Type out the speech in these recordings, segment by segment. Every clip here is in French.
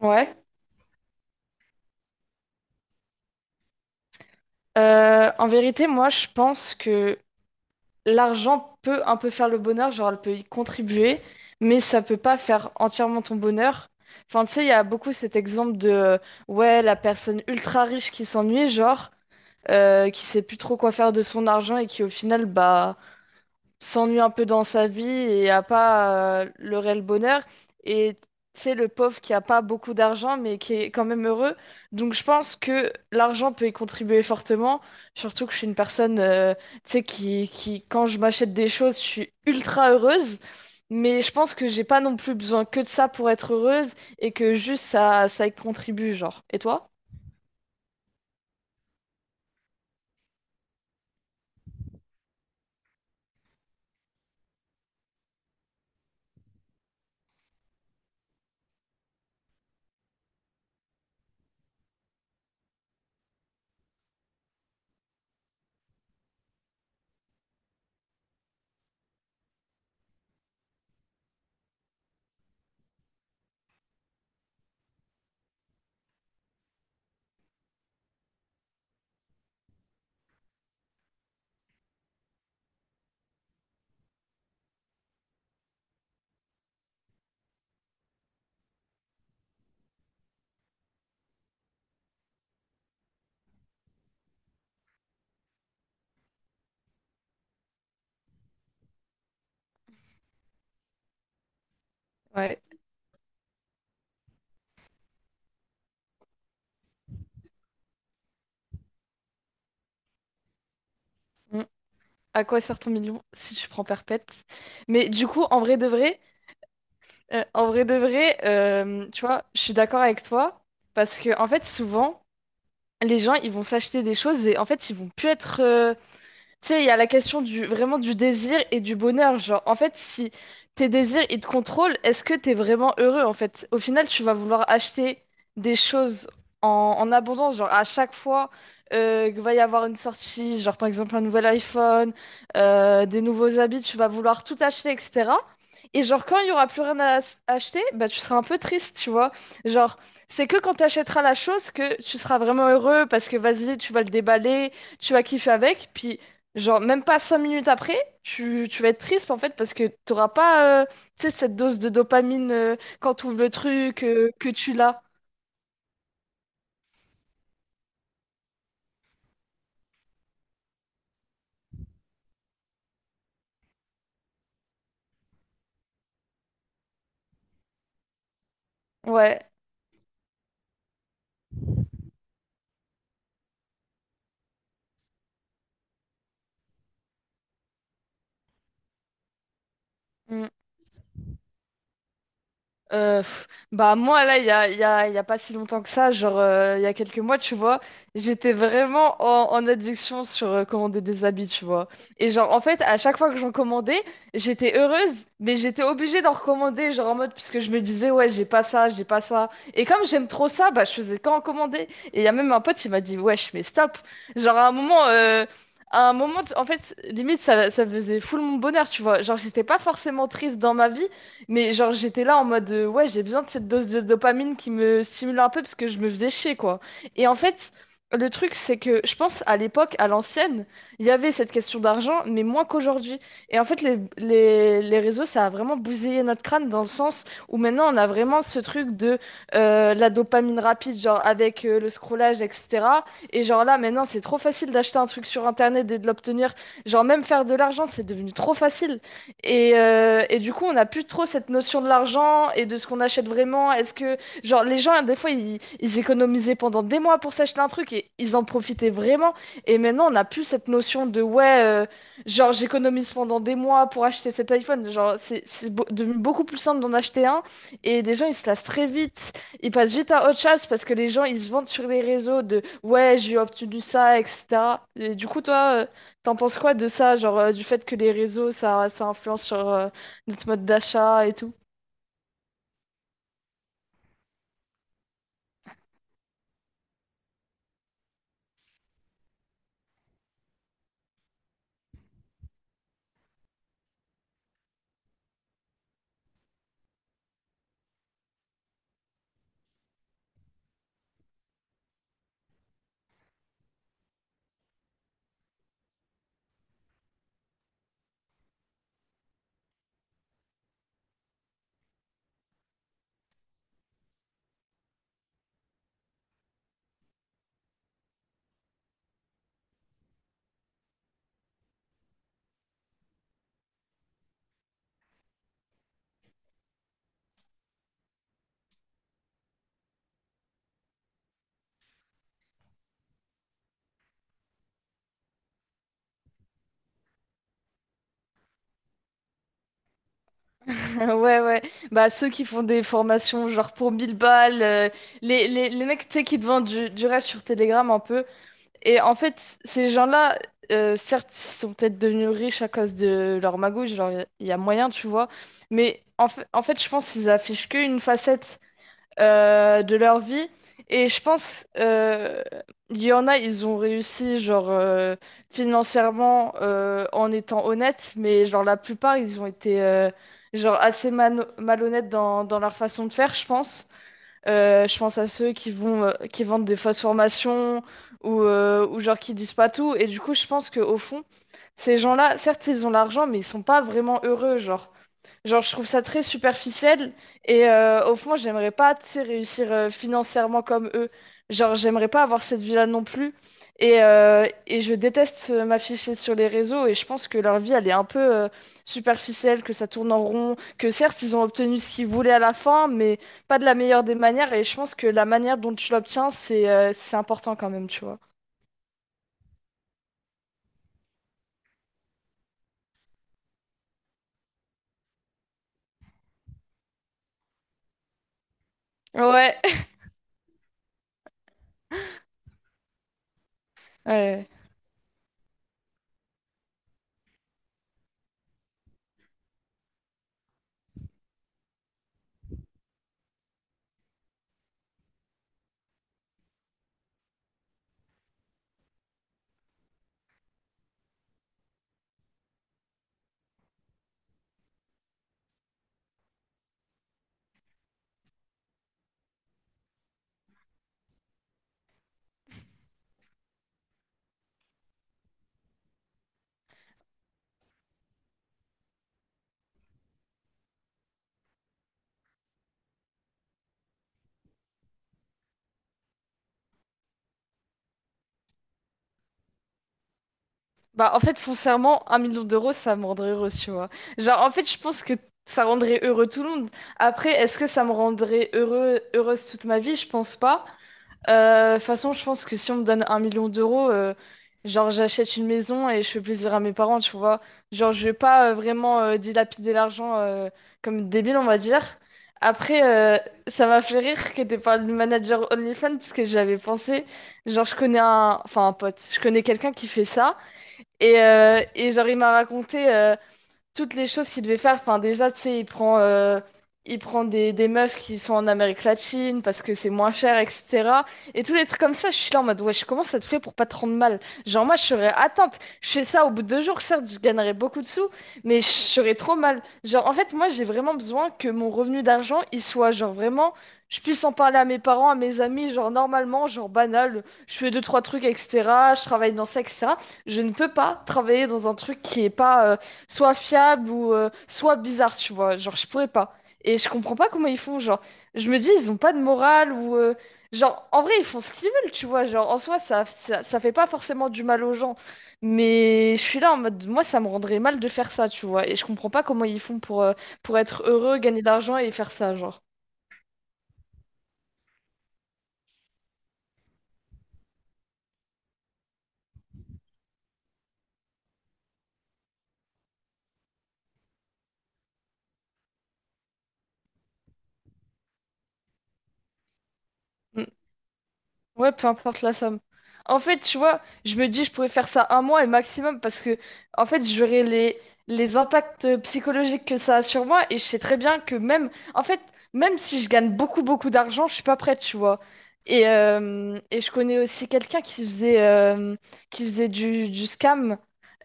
Ouais. En vérité, moi, je pense que l'argent peut un peu faire le bonheur, genre elle peut y contribuer, mais ça peut pas faire entièrement ton bonheur. Enfin, tu sais, il y a beaucoup cet exemple ouais, la personne ultra riche qui s'ennuie, genre, qui sait plus trop quoi faire de son argent et qui au final, bah, s'ennuie un peu dans sa vie et a pas le réel bonheur. Et c'est le pauvre qui a pas beaucoup d'argent, mais qui est quand même heureux. Donc je pense que l'argent peut y contribuer fortement. Surtout que je suis une personne, tu sais, qui, quand je m'achète des choses, je suis ultra heureuse. Mais je pense que j'ai pas non plus besoin que de ça pour être heureuse et que juste ça, ça y contribue, genre. Et toi? Ouais. Mm. À quoi sert ton million si tu prends perpète? Mais du coup, en vrai de vrai. En vrai de vrai, tu vois, je suis d'accord avec toi parce que en fait, souvent, les gens ils vont s'acheter des choses et en fait, ils vont plus être, tu sais, il y a la question du vraiment du désir et du bonheur. Genre, en fait, si tes désirs ils te contrôlent, est-ce que t'es vraiment heureux en fait? Au final, tu vas vouloir acheter des choses en abondance. Genre, à chaque fois qu'il va y avoir une sortie, genre par exemple un nouvel iPhone, des nouveaux habits, tu vas vouloir tout acheter, etc. Et genre, quand il y aura plus rien à acheter, bah tu seras un peu triste, tu vois. Genre, c'est que quand tu achèteras la chose que tu seras vraiment heureux parce que vas-y, tu vas le déballer, tu vas kiffer avec, puis, genre, même pas 5 minutes après, tu vas être triste en fait parce que t'auras pas tu sais, cette dose de dopamine quand tu ouvres le truc, que tu l'as. Ouais. Mm. Bah moi là il y a pas si longtemps que ça genre, il y a quelques mois tu vois j'étais vraiment en addiction sur commander des habits tu vois et genre en fait à chaque fois que j'en commandais j'étais heureuse mais j'étais obligée d'en recommander genre en mode puisque je me disais ouais j'ai pas ça et comme j'aime trop ça bah je faisais qu'en commander et il y a même un pote il m'a dit wesh mais stop genre à un moment, en fait, limite, ça faisait full mon bonheur, tu vois. Genre, j'étais pas forcément triste dans ma vie, mais genre, j'étais là en mode, ouais, j'ai besoin de cette dose de dopamine qui me stimule un peu parce que je me faisais chier, quoi. Et en fait, le truc, c'est que je pense à l'époque, à l'ancienne, il y avait cette question d'argent, mais moins qu'aujourd'hui. Et en fait, les réseaux, ça a vraiment bousillé notre crâne dans le sens où maintenant, on a vraiment ce truc de la dopamine rapide, genre avec le scrollage, etc. Et genre là, maintenant, c'est trop facile d'acheter un truc sur Internet et de l'obtenir. Genre, même faire de l'argent, c'est devenu trop facile. Et du coup, on n'a plus trop cette notion de l'argent et de ce qu'on achète vraiment. Est-ce que, genre, les gens, des fois, ils économisaient pendant des mois pour s'acheter un truc et ils en profitaient vraiment. Et maintenant, on n'a plus cette notion de, ouais, genre, j'économise pendant des mois pour acheter cet iPhone. Genre, c'est devenu beaucoup plus simple d'en acheter un. Et des gens, ils se lassent très vite. Ils passent vite à autre chose parce que les gens, ils se vendent sur les réseaux de, ouais, j'ai obtenu ça, etc. Et du coup, toi, t'en penses quoi de ça, genre, du fait que les réseaux, ça influence sur notre mode d'achat et tout? Ouais, ouais. Bah, ceux qui font des formations genre pour 1000 balles, les mecs, tu sais, qui te vendent du rêve sur Telegram un peu. Et en fait, ces gens-là, certes, ils sont peut-être devenus riches à cause de leur magouille, genre, il y, a y a moyen, tu vois. En fait, je pense qu'ils affichent qu'une facette de leur vie. Et je pense, il y en a, ils ont réussi, genre, financièrement, en étant honnêtes, mais genre, la plupart, ils ont été, genre, assez malhonnêtes dans leur façon de faire, je pense. Je pense à ceux qui vont, qui vendent des fausses formations ou, ou genre qui disent pas tout. Et du coup, je pense que au fond, ces gens-là, certes, ils ont l'argent, mais ils sont pas vraiment heureux. Genre, je trouve ça très superficiel. Et au fond, j'aimerais pas, tu sais, réussir financièrement comme eux. Genre, j'aimerais pas avoir cette vie-là non plus. Et je déteste m'afficher sur les réseaux. Et je pense que leur vie, elle est un peu superficielle, que ça tourne en rond, que certes, ils ont obtenu ce qu'ils voulaient à la fin, mais pas de la meilleure des manières et je pense que la manière dont tu l'obtiens, c'est important quand même, tu vois. Ouais. Ouais. Bah, en fait, foncièrement, 1 million d'euros, ça me rendrait heureuse, tu vois. Genre, en fait, je pense que ça rendrait heureux tout le monde. Après, est-ce que ça me rendrait heureux, heureuse toute ma vie? Je pense pas. De toute façon, je pense que si on me donne 1 million d'euros, genre j'achète une maison et je fais plaisir à mes parents, tu vois. Genre je vais pas vraiment dilapider l'argent comme une débile, on va dire. Après, euh, ça m'a fait rire que t'aies parlé du manager OnlyFans parce que j'avais pensé, genre je connais un, enfin un pote, je connais quelqu'un qui fait ça et genre il m'a raconté, toutes les choses qu'il devait faire. Enfin, déjà, tu sais, il prend des meufs qui sont en Amérique latine parce que c'est moins cher, etc. Et tous les trucs comme ça, je suis là en mode, wesh, comment ça te fait pour pas te rendre mal? Genre, moi, je serais atteinte. Je fais ça au bout de 2 jours, certes, je gagnerais beaucoup de sous, mais je serais trop mal. Genre, en fait, moi, j'ai vraiment besoin que mon revenu d'argent, il soit, genre, vraiment, je puisse en parler à mes parents, à mes amis, genre, normalement, genre, banal. Je fais deux, trois trucs, etc. Je travaille dans ça, etc. Je ne peux pas travailler dans un truc qui est pas, soit fiable ou soit bizarre, tu vois. Genre, je pourrais pas. Et je comprends pas comment ils font. Genre, je me dis, ils ont pas de morale ou, genre, en vrai, ils font ce qu'ils veulent, tu vois. Genre, en soi, ça fait pas forcément du mal aux gens. Mais je suis là en mode, moi, ça me rendrait mal de faire ça, tu vois. Et je comprends pas comment ils font pour être heureux, gagner de l'argent et faire ça, genre. Ouais, peu importe la somme. En fait, tu vois, je me dis, je pourrais faire ça un mois et maximum parce que, en fait, j'aurais les impacts psychologiques que ça a sur moi et je sais très bien que même, en fait, même si je gagne beaucoup, beaucoup d'argent, je suis pas prête, tu vois. Et je connais aussi quelqu'un qui faisait du scam.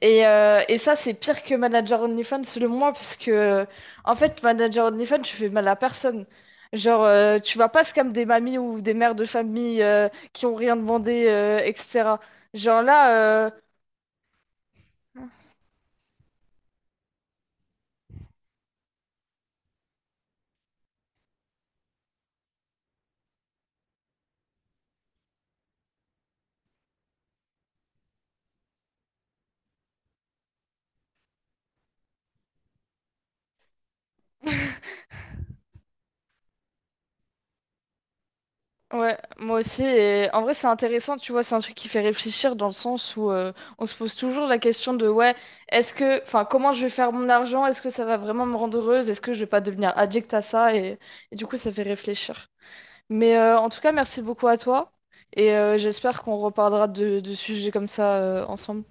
Et ça, c'est pire que Manager OnlyFans, selon moi, parce que, en fait, Manager OnlyFans, tu fais mal à personne. Tu vas pas scam des mamies ou des mères de famille qui ont rien demandé, etc. Genre là, euh, ouais, moi aussi. Et en vrai, c'est intéressant, tu vois, c'est un truc qui fait réfléchir dans le sens où on se pose toujours la question de, ouais, est-ce que, enfin, comment je vais faire mon argent? Est-ce que ça va vraiment me rendre heureuse? Est-ce que je vais pas devenir addict à ça? Et du coup, ça fait réfléchir. Mais en tout cas, merci beaucoup à toi et j'espère qu'on reparlera de sujets comme ça ensemble.